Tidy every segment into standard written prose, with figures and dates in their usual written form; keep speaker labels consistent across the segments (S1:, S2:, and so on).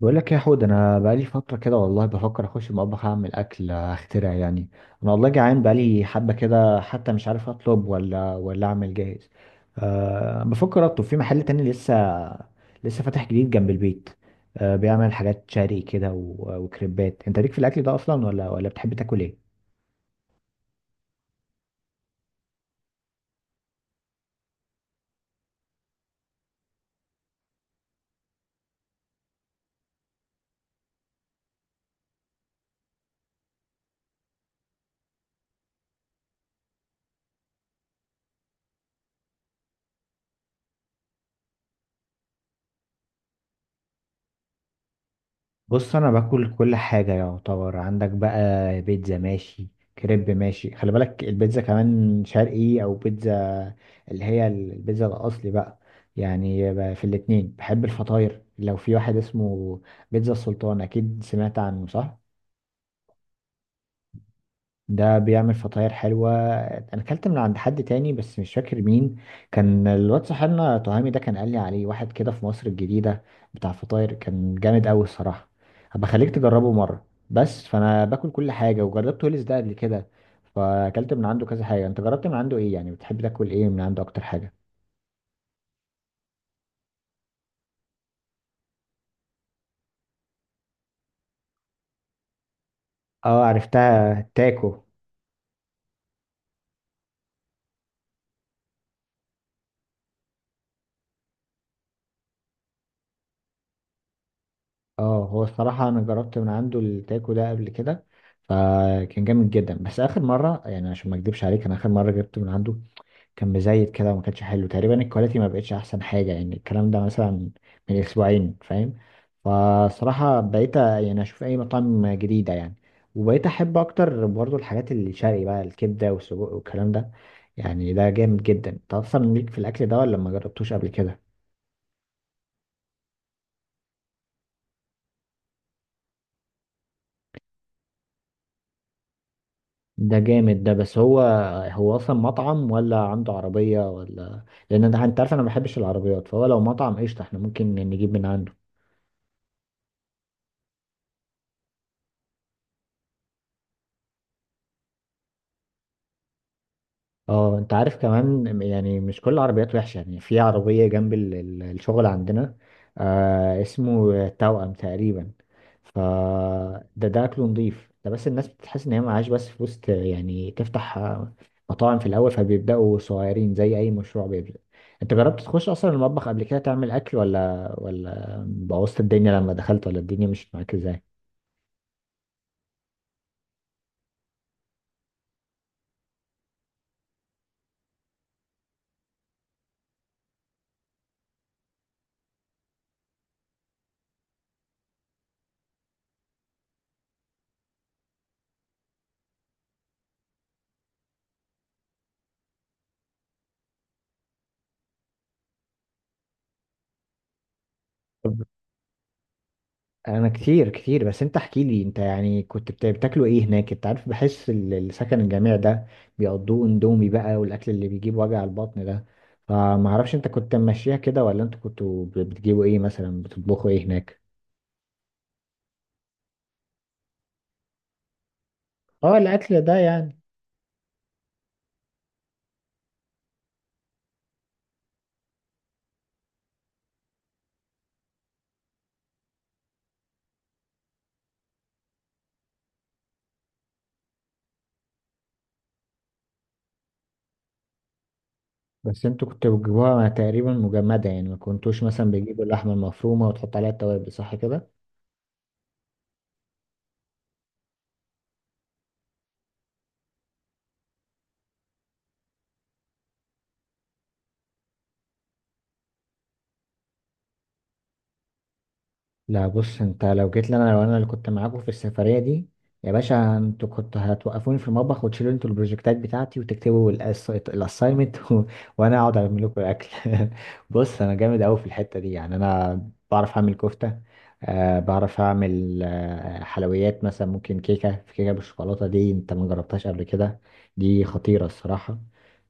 S1: بقول لك يا حود، انا بقالي فتره كده والله بفكر اخش المطبخ اعمل اكل اخترع يعني. انا والله جعان بقالي حبه كده، حتى مش عارف اطلب ولا اعمل جاهز. أه، بفكر اطلب في محل تاني لسه. لسه فاتح جديد جنب البيت. أه، بيعمل حاجات شرقي كده وكريبات. انت ليك في الاكل ده اصلا ولا بتحب تاكل ايه؟ بص، انا باكل كل حاجه يعتبر. عندك بقى بيتزا ماشي، كريب ماشي. خلي بالك البيتزا كمان شرقي او بيتزا، اللي هي البيتزا الاصلي بقى. يعني في الاتنين بحب الفطاير. لو في واحد اسمه بيتزا السلطان، اكيد سمعت عنه، صح؟ ده بيعمل فطاير حلوة. أنا أكلت من عند حد تاني بس مش فاكر مين. كان الواد صاحبنا تهامي ده كان قال لي عليه واحد كده في مصر الجديدة، بتاع فطاير، كان جامد أوي الصراحة. هبقى خليك تجربه مرة. بس فأنا باكل كل حاجة وجربت هوليس ده قبل كده، فأكلت من عنده كذا حاجة. أنت جربت من عنده إيه يعني؟ بتحب تاكل إيه من عنده أكتر حاجة؟ اه، عرفتها، تاكو. اه، هو الصراحة أنا جربت من عنده التاكو ده قبل كده، فكان جامد جدا. بس آخر مرة يعني عشان ما أكدبش عليك، أنا آخر مرة جبت من عنده كان مزيت كده وما كانش حلو تقريبا، الكواليتي ما بقتش احسن حاجه يعني، الكلام ده مثلا من اسبوعين، فاهم. فصراحه بقيت يعني اشوف اي مطاعم جديده يعني، وبقيت احب اكتر برضو الحاجات الشرقي بقى، الكبده والسجق والكلام ده. يعني ده جامد جدا. انت اصلا ليك في الاكل ده ولا ما جربتوش قبل كده؟ ده جامد ده. بس هو، هو اصلا مطعم ولا عنده عربيه؟ ولا لان ده، انت عارف، انا ما بحبش العربيات. فهو لو مطعم قشطه احنا ممكن نجيب من عنده. اه، انت عارف كمان، يعني مش كل العربيات وحشة. يعني في عربية جنب الشغل عندنا، آه، اسمه توأم تقريبا. ف ده اكله نضيف ده، بس الناس بتحس ان هي معاش بس فلوس يعني تفتح مطاعم في الاول، فبيبدأوا صغيرين زي اي مشروع بيبدأ. انت جربت تخش اصلا المطبخ قبل كده تعمل اكل، ولا بوظت الدنيا لما دخلت، ولا الدنيا مشيت معاك ازاي؟ انا كتير كتير. بس انت احكي لي، انت يعني كنت بتاكلوا ايه هناك؟ انت عارف، بحس السكن الجامعي ده بيقضوه اندومي بقى والاكل اللي بيجيب وجع البطن ده. فما اعرفش، انت كنت ماشيها كده ولا انتوا كنتوا بتجيبوا ايه مثلا؟ بتطبخوا ايه هناك؟ اه، الاكل ده يعني. بس انتوا كنتوا بتجيبوها تقريبا مجمدة يعني، ما كنتوش مثلا بيجيبوا اللحمة المفرومة وتحط عليها التوابل، صح كده؟ لا، بص. انت لو جيت لي انا، لو انا اللي كنت معاكم في السفريه دي، يا باشا، انتوا كنتوا هتوقفوني في المطبخ وتشيلوا انتوا البروجكتات بتاعتي وتكتبوا الاساينمنت وانا اقعد اعمل لكم الاكل بص، انا جامد قوي في الحته دي يعني. انا بعرف اعمل كفته. أه، بعرف اعمل حلويات. مثلا ممكن كيكه، في كيكه بالشوكولاته دي، انت ما جربتهاش قبل كده؟ دي خطيره الصراحه.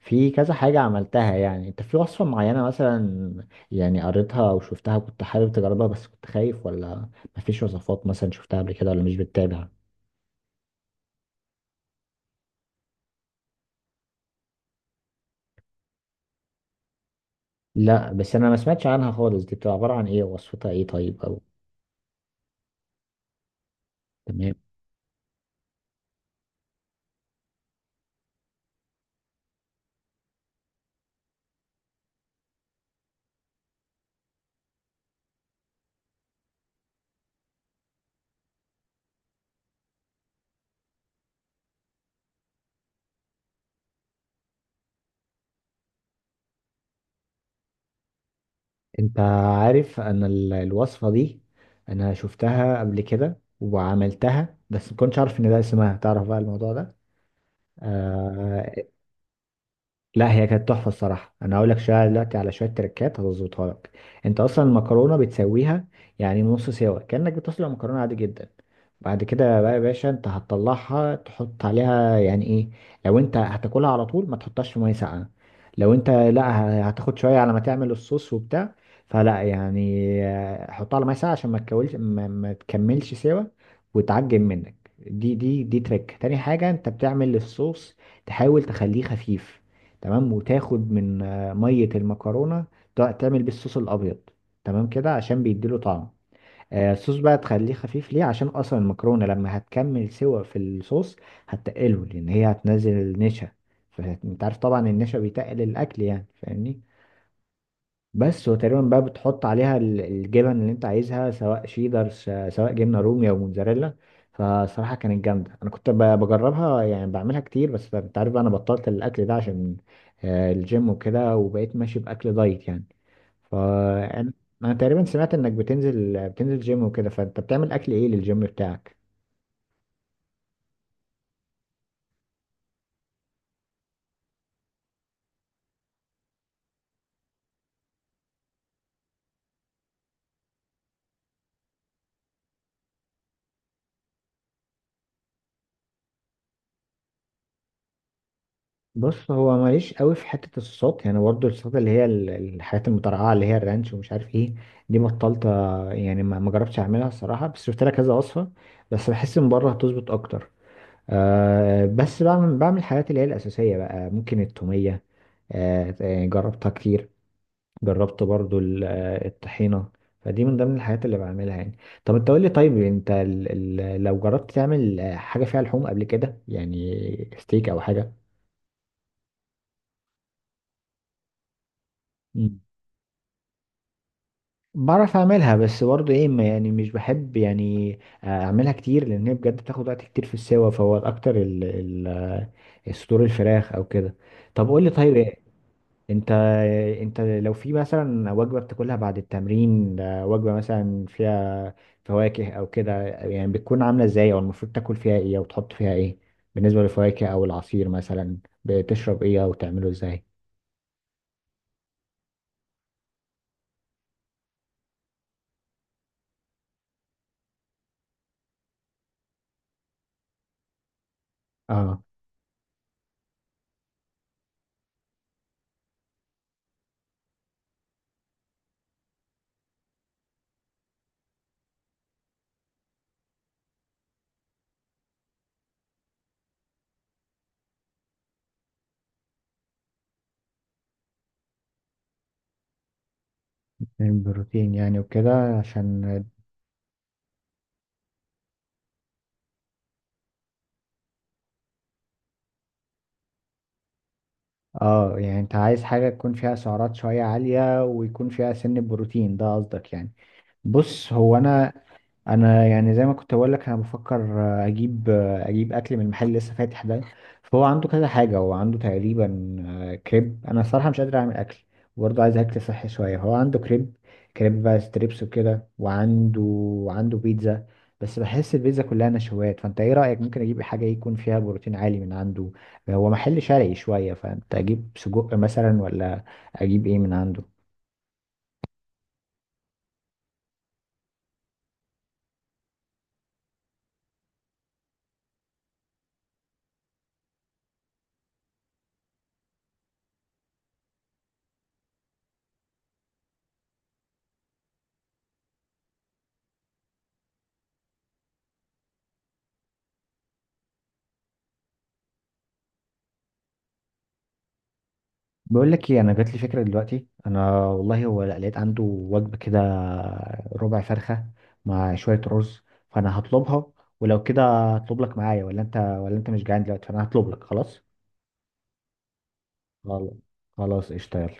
S1: في كذا حاجه عملتها يعني. انت في وصفه معينه مثلا يعني قريتها او شفتها كنت حابب تجربها، بس كنت خايف، ولا مفيش وصفات مثلا شفتها قبل كده، ولا مش بتتابع؟ لا، بس انا ما سمعتش عنها خالص. دي بتبقى عبارة عن ايه؟ وصفتها ايه طيب، او تمام. انت عارف، انا الوصفة دي، انا شفتها قبل كده وعملتها، بس ما كنتش عارف ان ده اسمها. تعرف بقى الموضوع ده. آه. لا، هي كانت تحفه الصراحه. انا هقول لك شويه دلوقتي على شويه تريكات هتظبطها لك. انت اصلا المكرونه بتسويها، يعني نص سوا كانك بتسلق مكرونه عادي جدا. بعد كده بقى يا باشا، انت هتطلعها تحط عليها يعني ايه. لو انت هتاكلها على طول، ما تحطهاش في ميه ساقعه. لو انت لا، هتاخد شويه على ما تعمل الصوص وبتاع، فلا يعني، حطها على ميه ساقعه عشان ما تكولش ما, ما تكملش سوا وتعجن منك. دي تريك. تاني حاجه، انت بتعمل الصوص تحاول تخليه خفيف، تمام، وتاخد من ميه المكرونه تعمل بيه الصوص الابيض. تمام كده عشان بيديله طعم. الصوص بقى تخليه خفيف ليه؟ عشان اصلا المكرونه لما هتكمل سوا في الصوص هتقله، لان هي هتنزل النشا. فانت عارف طبعا النشا بيتقل الاكل يعني، فاهمني. بس، وتقريبا بقى بتحط عليها الجبن اللي انت عايزها، سواء شيدر، سواء جبنه رومي او موتزاريلا. فصراحه كانت جامده. انا كنت بجربها يعني، بعملها كتير. بس انت عارف بقى انا بطلت الاكل ده عشان الجيم وكده، وبقيت ماشي باكل دايت يعني. فانا أنا تقريبا سمعت انك بتنزل جيم وكده. فانت بتعمل اكل ايه للجيم بتاعك؟ بص، هو ماليش قوي في حتة الصوت يعني، برضه الصوت اللي هي الحاجات المترقعة اللي هي الرانش ومش عارف ايه. دي بطلت يعني ما جربتش اعملها الصراحة، بس شفت لها كذا وصفة. بس بحس من بره هتظبط اكتر. أه، بس بعمل الحاجات اللي هي الأساسية بقى، ممكن التومية. أه، جربتها كتير. جربت برضه الطحينة. فدي من ضمن الحاجات اللي بعملها يعني. طب انت قول لي. طيب انت لو جربت تعمل حاجة فيها لحوم قبل كده، يعني ستيك او حاجة. بعرف اعملها. بس برضه ايه، يعني مش بحب يعني اعملها كتير، لان هي بجد بتاخد وقت كتير في السوا. فهو الاكتر ال ال الصدور الفراخ او كده. طب قول لي طيب ايه. انت انت لو في مثلا وجبة بتاكلها بعد التمرين، وجبة مثلا فيها فواكه او كده، يعني بتكون عاملة ازاي، او المفروض تاكل فيها ايه او تحط فيها ايه؟ بالنسبة للفواكه او العصير مثلا، بتشرب ايه او تعمله ازاي؟ اه، من بروتين يعني وكده، عشان اه، يعني انت عايز حاجة تكون فيها سعرات شوية عالية ويكون فيها سن بروتين، ده قصدك يعني؟ بص، هو انا يعني زي ما كنت بقول لك، انا بفكر اجيب اكل من المحل اللي لسه فاتح ده. فهو عنده كذا حاجه، هو عنده تقريبا كريب. انا الصراحه مش قادر اعمل اكل، وبرضه عايز اكل صحي شويه. هو عنده كريب، كريب بقى ستريبس وكده، وعنده بيتزا. بس بحس البيتزا كلها نشويات. فانت ايه رايك، ممكن اجيب حاجه يكون فيها بروتين عالي من عنده؟ هو محل شرقي شويه، فانت اجيب سجق مثلا، ولا اجيب ايه من عنده؟ بقول لك ايه، انا جات لي فكره دلوقتي. انا والله هو لقيت عنده وجبه كده، ربع فرخه مع شويه رز، فانا هطلبها. ولو كده، هطلب لك معايا، ولا انت مش جعان دلوقتي؟ فانا هطلب لك خلاص. خلاص. خلاص، قشطه، يلا.